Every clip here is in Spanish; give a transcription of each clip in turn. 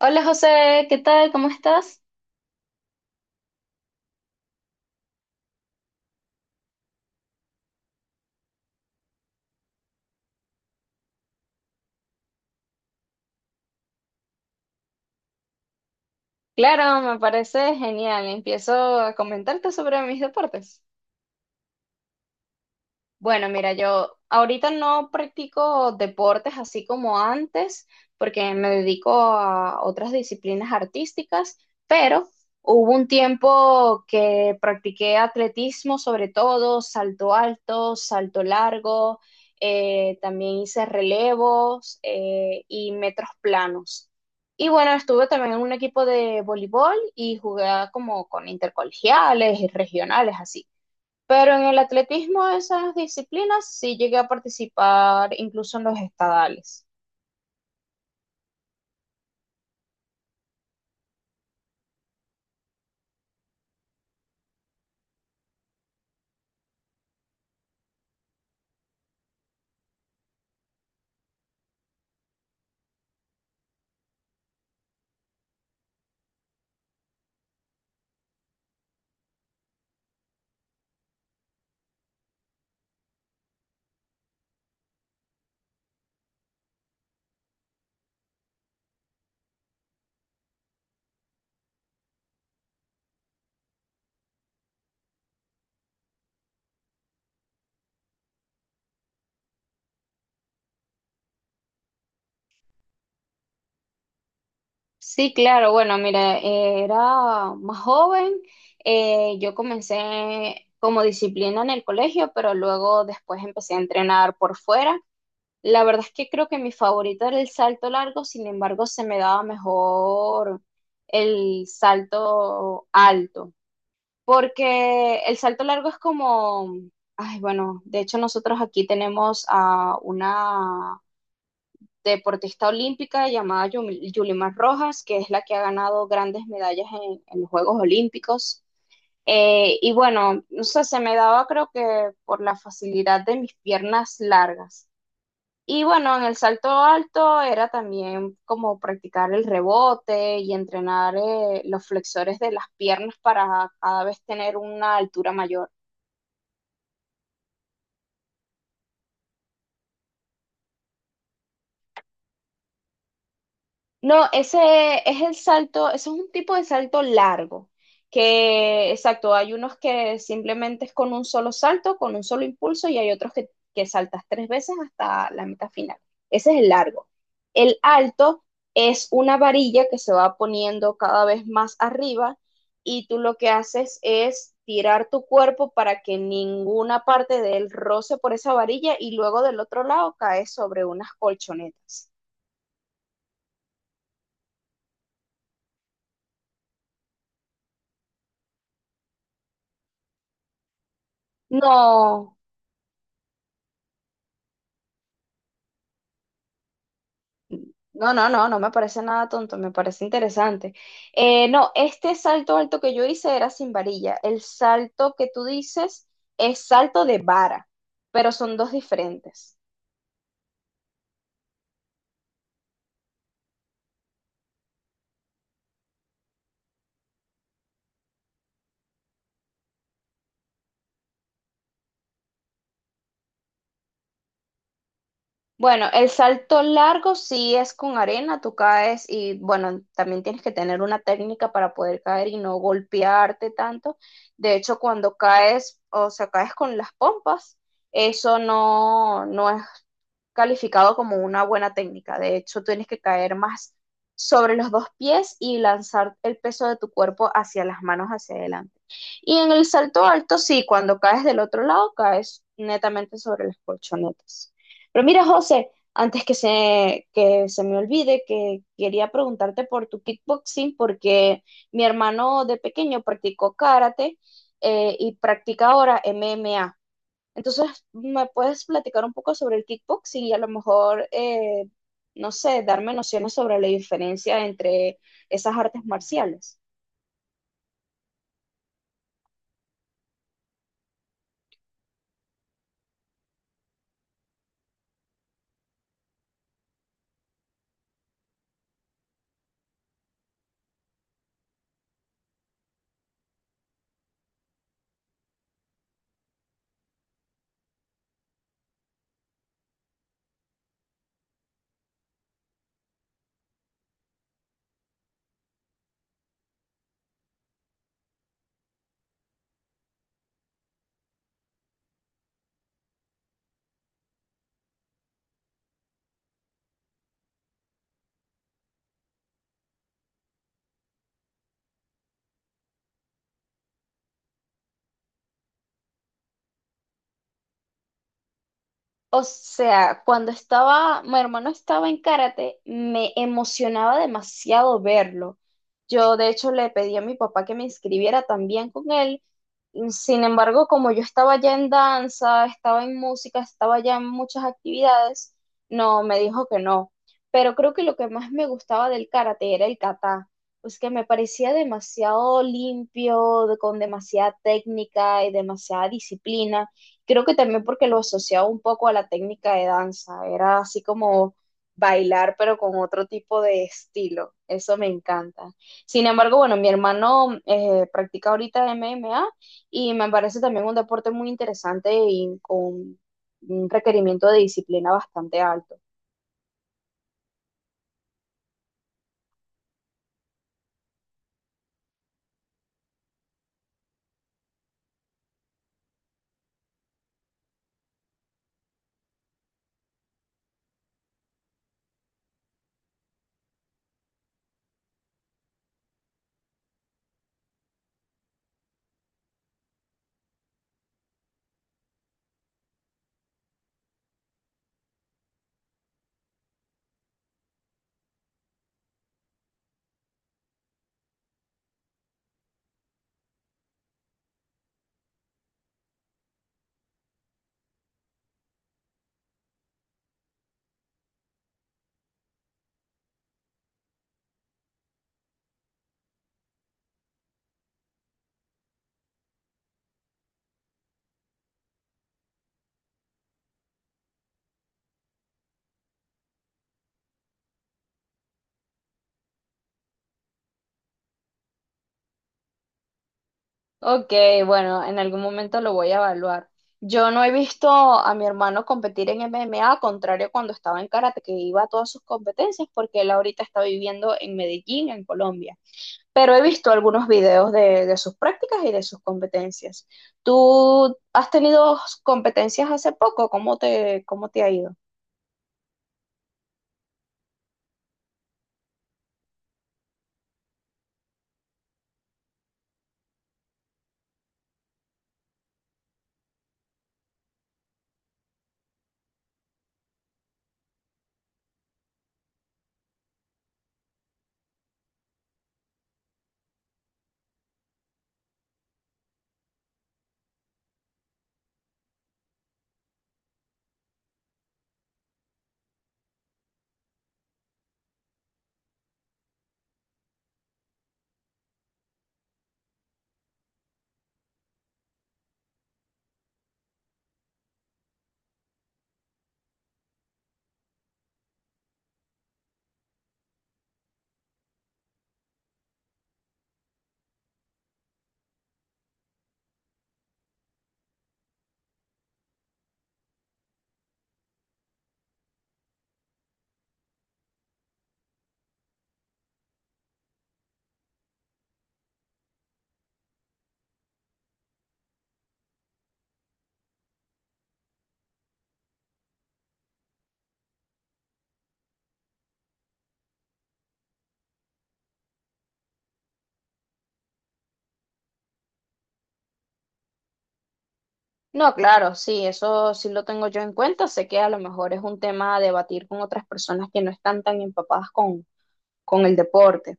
Hola José, ¿qué tal? ¿Cómo estás? Claro, me parece genial. Empiezo a comentarte sobre mis deportes. Bueno, mira, yo ahorita no practico deportes así como antes, porque me dedico a otras disciplinas artísticas, pero hubo un tiempo que practiqué atletismo, sobre todo salto alto, salto largo, también hice relevos y metros planos. Y bueno, estuve también en un equipo de voleibol y jugué como con intercolegiales y regionales, así. Pero en el atletismo, esas disciplinas sí llegué a participar incluso en los estadales. Sí, claro, bueno, mira, era más joven, yo comencé como disciplina en el colegio, pero luego después empecé a entrenar por fuera. La verdad es que creo que mi favorito era el salto largo, sin embargo, se me daba mejor el salto alto. Porque el salto largo es como, ay, bueno, de hecho nosotros aquí tenemos a una deportista olímpica llamada Yulimar Rojas, que es la que ha ganado grandes medallas en los Juegos Olímpicos. Y bueno, no sé, se me daba creo que por la facilidad de mis piernas largas. Y bueno, en el salto alto era también como practicar el rebote y entrenar los flexores de las piernas para cada vez tener una altura mayor. No, ese es el salto, ese es un tipo de salto largo, que exacto, hay unos que simplemente es con un solo salto, con un solo impulso, y hay otros que saltas tres veces hasta la meta final. Ese es el largo. El alto es una varilla que se va poniendo cada vez más arriba y tú lo que haces es tirar tu cuerpo para que ninguna parte de él roce por esa varilla y luego del otro lado caes sobre unas colchonetas. No. No, no, no, no me parece nada tonto, me parece interesante. No, este salto alto que yo hice era sin varilla. El salto que tú dices es salto de vara, pero son dos diferentes. Bueno, el salto largo sí es con arena, tú caes y bueno, también tienes que tener una técnica para poder caer y no golpearte tanto. De hecho, cuando caes, o sea, caes con las pompas, eso no, no es calificado como una buena técnica. De hecho, tienes que caer más sobre los dos pies y lanzar el peso de tu cuerpo hacia las manos hacia adelante. Y en el salto alto, sí, cuando caes del otro lado, caes netamente sobre las colchonetas. Pero mira, José, antes que se me olvide, que quería preguntarte por tu kickboxing, porque mi hermano de pequeño practicó karate y practica ahora MMA. Entonces, ¿me puedes platicar un poco sobre el kickboxing y a lo mejor, no sé, darme nociones sobre la diferencia entre esas artes marciales? O sea, cuando estaba, mi hermano estaba en karate, me emocionaba demasiado verlo. Yo, de hecho, le pedí a mi papá que me inscribiera también con él. Sin embargo, como yo estaba ya en danza, estaba en música, estaba ya en muchas actividades, no, me dijo que no. Pero creo que lo que más me gustaba del karate era el kata, pues que me parecía demasiado limpio, con demasiada técnica y demasiada disciplina. Creo que también porque lo asociaba un poco a la técnica de danza, era así como bailar pero con otro tipo de estilo, eso me encanta. Sin embargo, bueno, mi hermano practica ahorita MMA y me parece también un deporte muy interesante y con un requerimiento de disciplina bastante alto. Ok, bueno, en algún momento lo voy a evaluar. Yo no he visto a mi hermano competir en MMA, contrario a cuando estaba en karate, que iba a todas sus competencias, porque él ahorita está viviendo en Medellín, en Colombia. Pero he visto algunos videos de sus prácticas y de sus competencias. ¿Tú has tenido competencias hace poco? Cómo te ha ido? No, claro, sí, eso sí lo tengo yo en cuenta. Sé que a lo mejor es un tema a debatir con otras personas que no están tan empapadas con el deporte.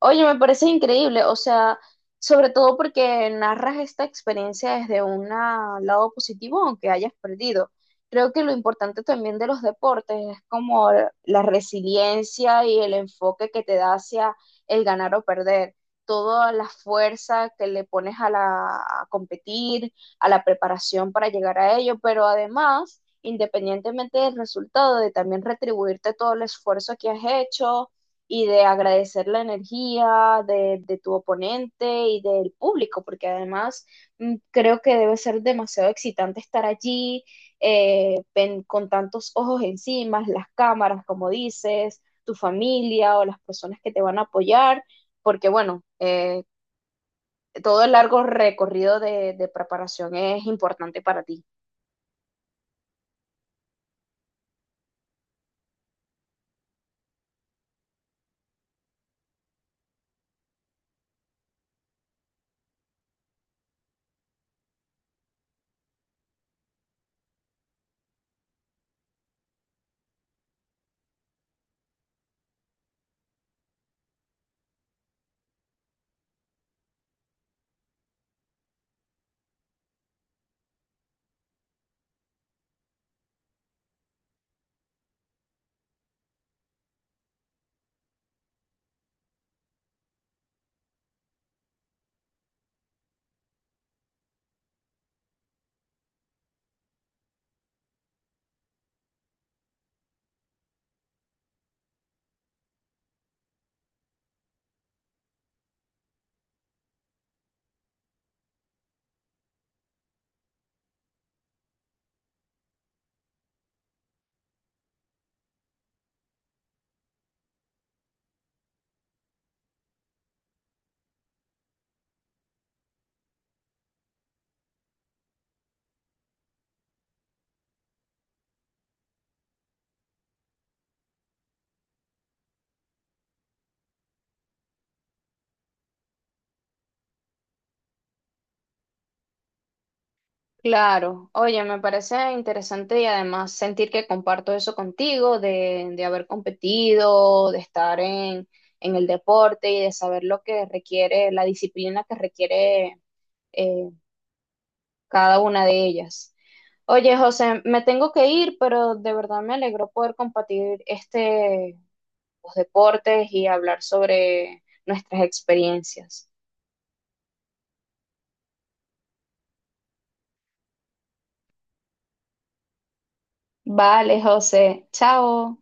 Oye, me parece increíble, o sea, sobre todo porque narras esta experiencia desde un lado positivo, aunque hayas perdido. Creo que lo importante también de los deportes es como la resiliencia y el enfoque que te da hacia el ganar o perder, toda la fuerza que le pones a la a competir, a la preparación para llegar a ello, pero además, independientemente del resultado, de también retribuirte todo el esfuerzo que has hecho y de agradecer la energía de tu oponente y del público, porque además creo que debe ser demasiado excitante estar allí con tantos ojos encima, las cámaras, como dices, tu familia o las personas que te van a apoyar, porque bueno, todo el largo recorrido de preparación es importante para ti. Claro, oye, me parece interesante y además sentir que comparto eso contigo, de haber competido, de estar en el deporte y de saber lo que requiere, la disciplina que requiere eh, cada una de ellas. Oye, José, me tengo que ir, pero de verdad me alegró poder compartir este, los deportes y hablar sobre nuestras experiencias. Vale, José, chao.